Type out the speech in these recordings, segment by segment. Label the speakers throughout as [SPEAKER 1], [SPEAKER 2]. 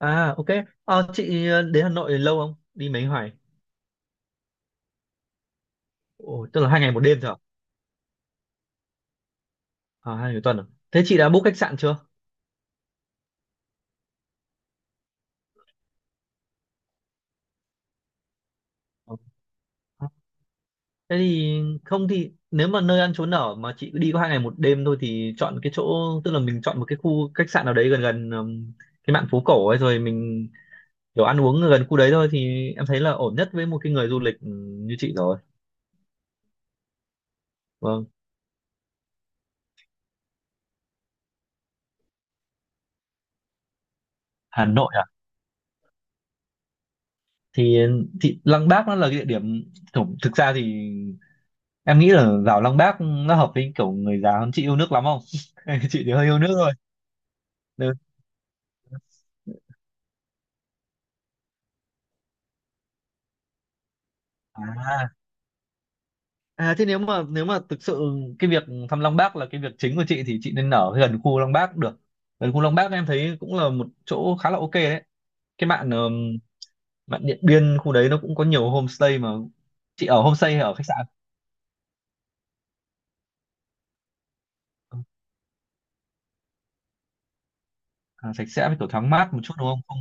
[SPEAKER 1] À, ok. Chị đến Hà Nội lâu không? Đi mấy ngày? Ồ, tức là 2 ngày 1 đêm thôi à? À, 2 ngày một tuần à? Thế chị đã book khách sạn chưa? Ờ. Thế thì không thì nếu mà nơi ăn trốn ở mà chị cứ đi có 2 ngày 1 đêm thôi thì chọn cái chỗ, tức là mình chọn một cái khu khách sạn nào đấy gần gần cái mạn phố cổ ấy, rồi mình kiểu ăn uống gần khu đấy thôi thì em thấy là ổn nhất với một cái người du lịch như chị rồi. Vâng. Hà Nội à? Thì thì Lăng Bác nó là cái địa điểm, thực thực ra thì em nghĩ là vào Lăng Bác nó hợp với kiểu người già hơn. Chị yêu nước lắm không? Chị thì hơi yêu nước thôi. Ừ. À. À, thế nếu mà thực sự cái việc thăm Lăng Bác là cái việc chính của chị thì chị nên ở gần khu Lăng Bác được. Gần khu Lăng Bác em thấy cũng là một chỗ khá là ok đấy. Cái bạn Bạn Điện Biên khu đấy nó cũng có nhiều homestay mà. Chị ở homestay hay ở khách sạn? Ừ. À, sạch sẽ với kiểu thoáng mát một chút đúng không? Không.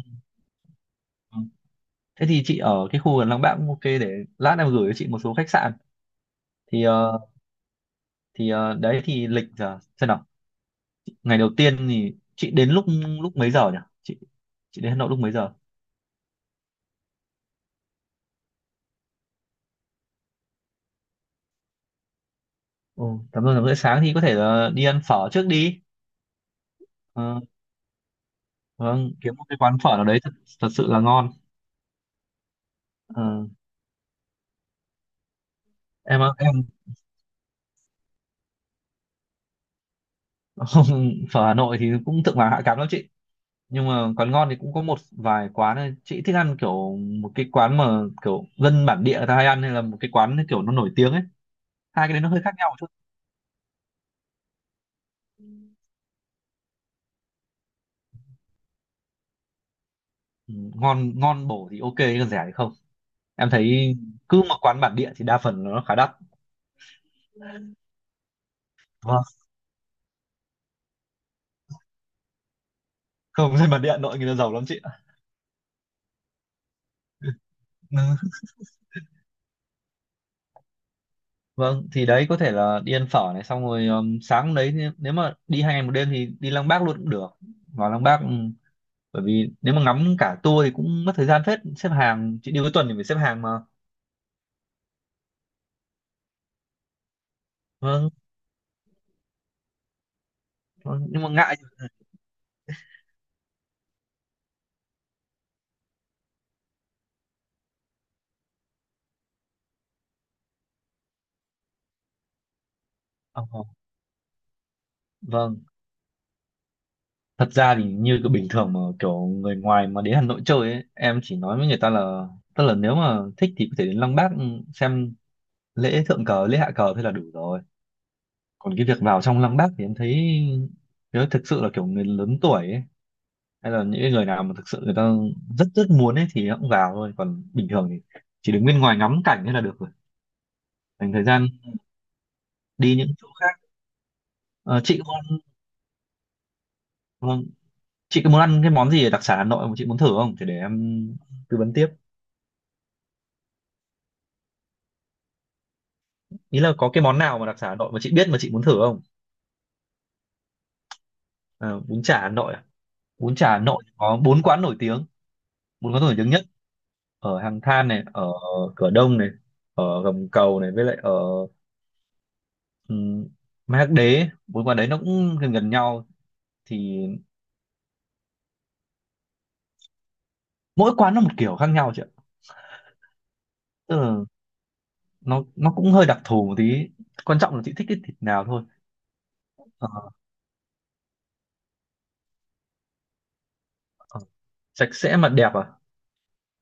[SPEAKER 1] Ừ. Thế thì chị ở cái khu gần Lăng Bác cũng ok, để lát em gửi cho chị một số khách sạn. Thì ờ, Đấy thì lịch giờ xem nào, ngày đầu tiên thì chị đến lúc lúc mấy giờ nhỉ? Chị đến Hà Nội lúc mấy giờ? ừ, Tầm giờ rưỡi sáng thì có thể là đi ăn phở trước đi. Ờ, vâng, kiếm một cái quán phở nào đấy thật sự là ngon. Ờ, em phở Hà Nội thì cũng thượng vàng hạ cám lắm chị, nhưng mà quán ngon thì cũng có một vài quán này. Chị thích ăn kiểu một cái quán mà kiểu dân bản địa người ta hay ăn, hay là một cái quán kiểu nó nổi tiếng ấy? Hai cái đấy nó hơi khác nhau một chút. Ừ, ngon ngon bổ thì ok, còn rẻ thì không. Em thấy cứ một quán bản địa thì đa phần nó khá đắt. Vâng, không, dân bản địa Hà Nội người ta giàu lắm chị ạ. Ừ, vâng, thì đấy có thể là đi ăn phở này, xong rồi sáng hôm đấy nếu nếu mà đi 2 ngày 1 đêm thì đi Lăng Bác luôn cũng được. Vào Lăng Bác, bởi vì nếu mà ngắm cả tour thì cũng mất thời gian phết, xếp hàng, chị đi cuối tuần thì phải xếp hàng mà. Vâng, vâng, nhưng mà ngại. Ờ, ờ, vâng, thật ra thì như cái bình thường mà kiểu người ngoài mà đến Hà Nội chơi ấy, em chỉ nói với người ta là tức là nếu mà thích thì có thể đến Lăng Bác, xem lễ thượng cờ, lễ hạ cờ, thế là đủ rồi. Còn cái việc vào trong lăng Bác thì em thấy nếu thực sự là kiểu người lớn tuổi ấy, hay là những cái người nào mà thực sự người ta rất rất muốn ấy thì họ cũng vào thôi, còn bình thường thì chỉ đứng bên ngoài ngắm cảnh thế là được rồi, dành thời gian đi những chỗ khác. Ờ, chị có muốn vâng, chị có muốn ăn cái món gì ở đặc sản Hà Nội mà chị muốn thử không thì để em tư vấn tiếp? Ý là có cái món nào mà đặc sản Hà Nội mà chị biết mà chị muốn thử không? À, bún chả Hà Nội à? Bún chả Hà Nội có 4 quán nổi tiếng, 4 quán nổi tiếng nhất, ở Hàng Than này, ở Cửa Đông này, ở Gầm Cầu này, với lại ở ừ, Mác Đế. Bốn quán đấy nó cũng gần gần nhau. Thì mỗi quán nó một kiểu khác nhau chị ạ, tức là nó cũng hơi đặc thù một tí, quan trọng là chị thích cái thịt nào thôi. Ờ, ờ. Sạch sẽ mà đẹp à?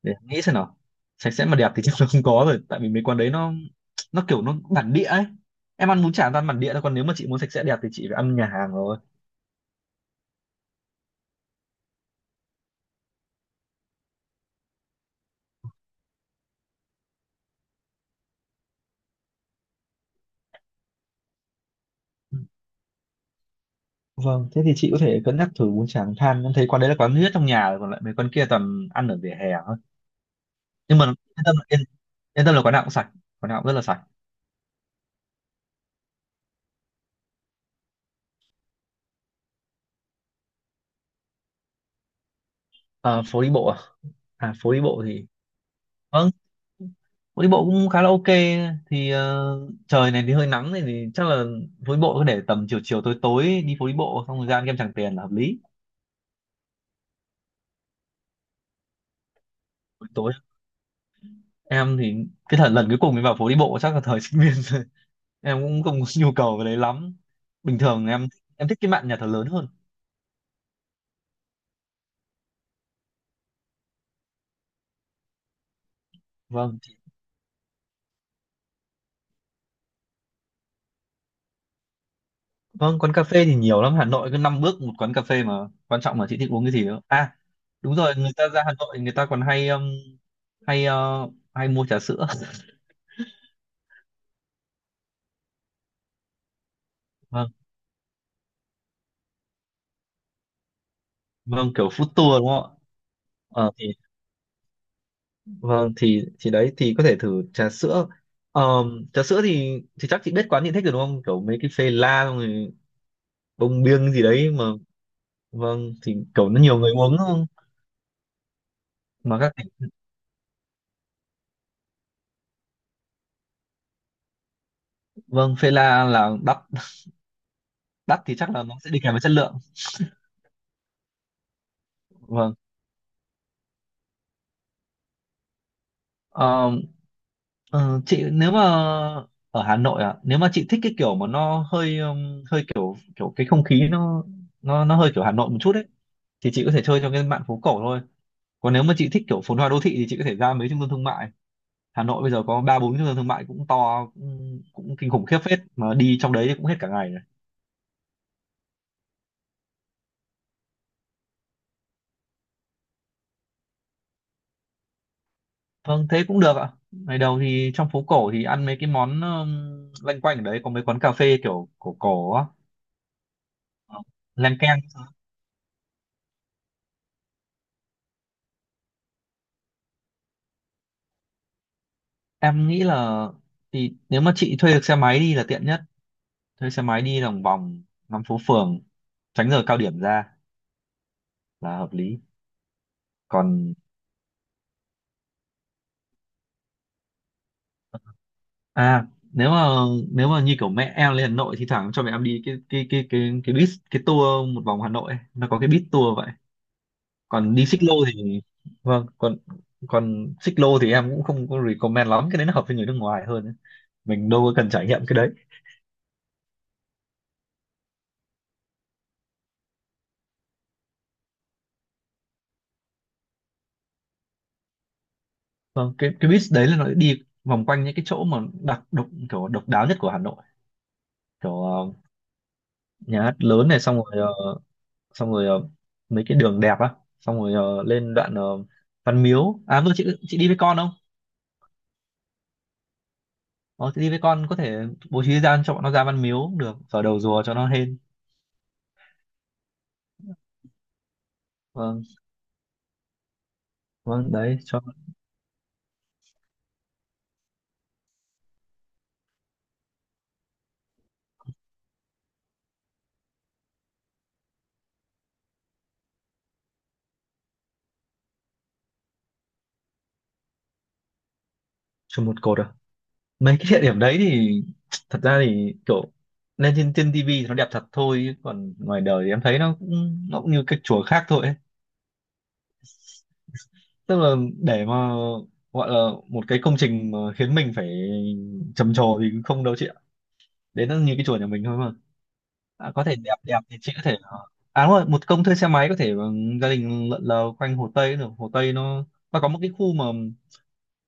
[SPEAKER 1] Để em nghĩ xem nào. Sạch sẽ mà đẹp thì chắc là không có rồi, tại vì mấy quán đấy nó kiểu nó bản địa ấy. Em ăn bún chả toàn bản địa thôi, còn nếu mà chị muốn sạch sẽ đẹp thì chị phải ăn nhà hàng rồi. Vâng, thế thì chị có thể cân nhắc thử bún chả than. Em thấy quán đấy là quán duy nhất trong nhà rồi, còn lại mấy quán kia toàn ăn ở vỉa hè thôi. Nhưng mà yên tâm, yên tâm là quán nào cũng sạch, quán nào cũng rất là sạch. Ờ, phố đi bộ à? À, phố đi bộ thì vâng, phố đi bộ cũng khá là ok. Thì trời này thì hơi nắng này thì chắc là phố đi bộ cứ để tầm chiều chiều tối tối đi phố đi bộ, xong rồi ra ăn kem Tràng Tiền là hợp lý. Buổi tối em thì cái thời lần cuối cùng em vào phố đi bộ chắc là thời sinh viên rồi. Em cũng không có nhu cầu về đấy lắm, bình thường em thích cái mạn nhà thờ lớn hơn. Vâng. Vâng, quán cà phê thì nhiều lắm. Hà Nội cứ 5 bước một quán cà phê mà. Quan trọng là chị thích uống cái gì nữa. À, đúng rồi, người ta ra Hà Nội người ta còn hay hay ờ, hay mua trà sữa. Vâng, vâng, kiểu food tour đúng không ạ? Ờ thì vâng, thì đấy thì có thể thử trà sữa. Trà sữa thì chắc chị biết quán chị thích rồi đúng không? Kiểu mấy cái Phê La, xong rồi Bông Biêng gì đấy mà. Vâng, thì kiểu nó nhiều người uống đúng không? Mà các Vâng, Phê La là đắt, đắt thì chắc là nó sẽ đi kèm với chất lượng. Vâng. Ờ, ờ, chị nếu mà ở Hà Nội, à, nếu mà chị thích cái kiểu mà nó hơi kiểu cái không khí nó hơi kiểu Hà Nội một chút ấy thì chị có thể chơi trong cái mạn phố cổ thôi, còn nếu mà chị thích kiểu phồn hoa đô thị thì chị có thể ra mấy trung tâm thương mại. Hà Nội bây giờ có 3 4 trung tâm thương mại cũng to, cũng kinh khủng khiếp phết, mà đi trong đấy thì cũng hết cả ngày rồi. Vâng, thế cũng được ạ. Ngày đầu thì trong phố cổ thì ăn mấy cái món loanh quanh ở đấy, có mấy quán cà phê kiểu cổ cổ á. Ờ, leng keng. Em nghĩ là thì nếu mà chị thuê được xe máy đi là tiện nhất, thuê xe máy đi lòng vòng ngắm phố phường, tránh giờ cao điểm ra là hợp lý. Còn à, nếu mà như kiểu mẹ em lên Hà Nội thì thoảng cho mẹ em đi cái bus, cái tour một vòng Hà Nội ấy. Nó có cái bus tour vậy, còn đi xích lô thì vâng, còn còn xích lô thì em cũng không có recommend lắm, cái đấy nó hợp với người nước ngoài hơn ấy. Mình đâu có cần trải nghiệm cái đấy. Vâng, cái bus đấy là nó đi vòng quanh những cái chỗ mà đặc độc, kiểu độc đáo nhất của Hà Nội, kiểu nhà hát lớn này, xong rồi ờ, xong rồi mấy cái đường đẹp á, xong rồi lên đoạn Văn Miếu. À vừa, chị đi với con không? Ờ, chị đi với con có thể bố trí thời gian cho bọn nó ra Văn Miếu cũng được, vào đầu rùa cho nó hên. Vâng, vâng, đấy cho. Cho một Cột à? Mấy cái địa điểm đấy thì thật ra thì kiểu lên trên trên tivi thì nó đẹp thật thôi, chứ còn ngoài đời thì em thấy nó cũng như cái chùa khác thôi ấy. Tức là để mà gọi là một cái công trình mà khiến mình phải trầm trồ thì không đâu chị ạ, đấy nó như cái chùa nhà mình thôi mà. À, có thể đẹp đẹp thì chị có thể à đúng rồi, một công thuê xe máy có thể gia đình lượn lờ quanh Hồ Tây được. Hồ Tây nó có một cái khu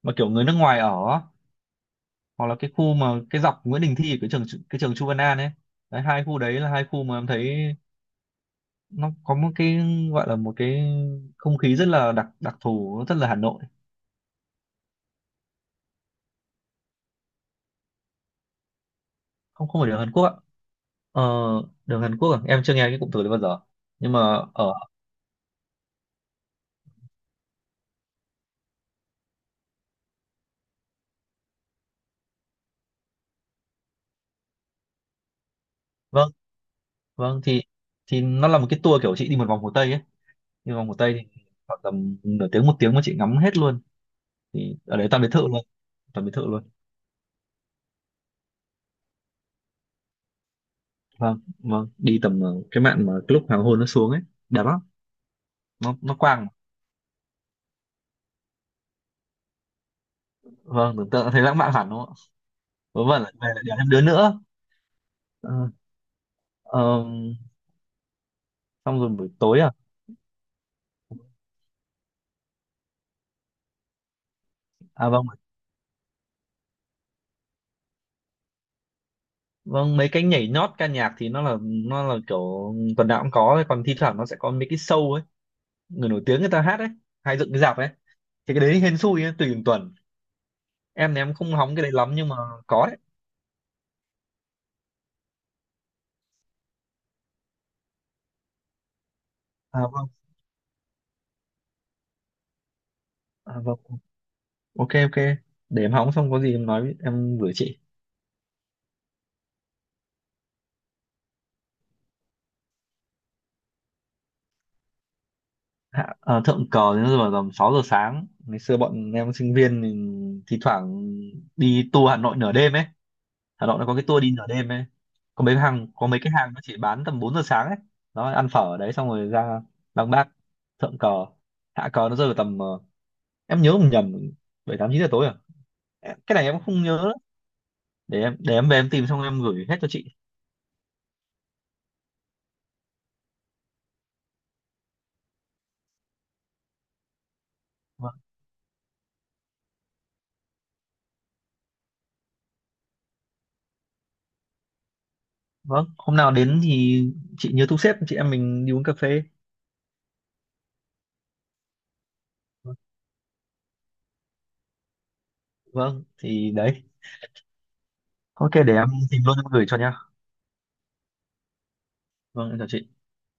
[SPEAKER 1] mà kiểu người nước ngoài ở, hoặc là cái khu mà cái dọc Nguyễn Đình Thi, cái trường Chu Văn An ấy. Đấy, hai khu đấy là hai khu mà em thấy nó có một cái, gọi là một cái không khí rất là đặc đặc thù, nó rất là Hà Nội. Không, không phải đường Hàn Quốc ạ. ờ, Đường Hàn Quốc à? Em chưa nghe cái cụm từ đấy bao giờ, nhưng mà ở vâng, vâng, thì nó là một cái tour kiểu chị đi một vòng Hồ Tây ấy, nhưng vòng Hồ Tây thì khoảng tầm nửa tiếng một tiếng mà chị ngắm hết luôn, thì ở đấy toàn biệt thự luôn, toàn biệt thự luôn. Vâng, vâng, đi tầm cái mạn mà cái lúc hoàng hôn nó xuống ấy đẹp lắm, nó quang. Vâng, tưởng tượng thấy lãng mạn hẳn đúng không ạ? Vớ vẩn là về lại đèo thêm đứa nữa. Ờ, ờ, xong rồi buổi tối à, à vâng, vâng, mấy cái nhảy nhót ca nhạc thì nó là kiểu tuần nào cũng có ấy, còn thi thoảng nó sẽ có mấy cái show ấy, người nổi tiếng người ta hát ấy, hay dựng cái rạp ấy, thì cái đấy hên xui ấy, tùy từng tuần. Em thì em không hóng cái đấy lắm, nhưng mà có đấy. À vâng, à vâng, ok, ok, để em hóng xong có gì em nói em gửi chị. Thượng cờ đến giờ tầm 6 giờ sáng. Ngày xưa bọn em sinh viên thì thi thoảng đi tour Hà Nội nửa đêm ấy. Hà Nội nó có cái tour đi nửa đêm ấy, có mấy cái hàng nó chỉ bán tầm 4 giờ sáng ấy. Nó ăn phở ở đấy xong rồi ra Lăng Bác thượng cờ. Hạ cờ nó rơi vào tầm em nhớ không nhầm, 7 8 9 giờ tối à? Cái này em cũng không nhớ nữa, để em về em tìm xong em gửi hết cho chị. Vâng, vâng, hôm nào đến thì chị nhớ thu xếp chị em mình đi uống cà phê. Vâng, thì đấy, ok, để em tìm luôn em gửi cho nhá. Vâng, em chào chị.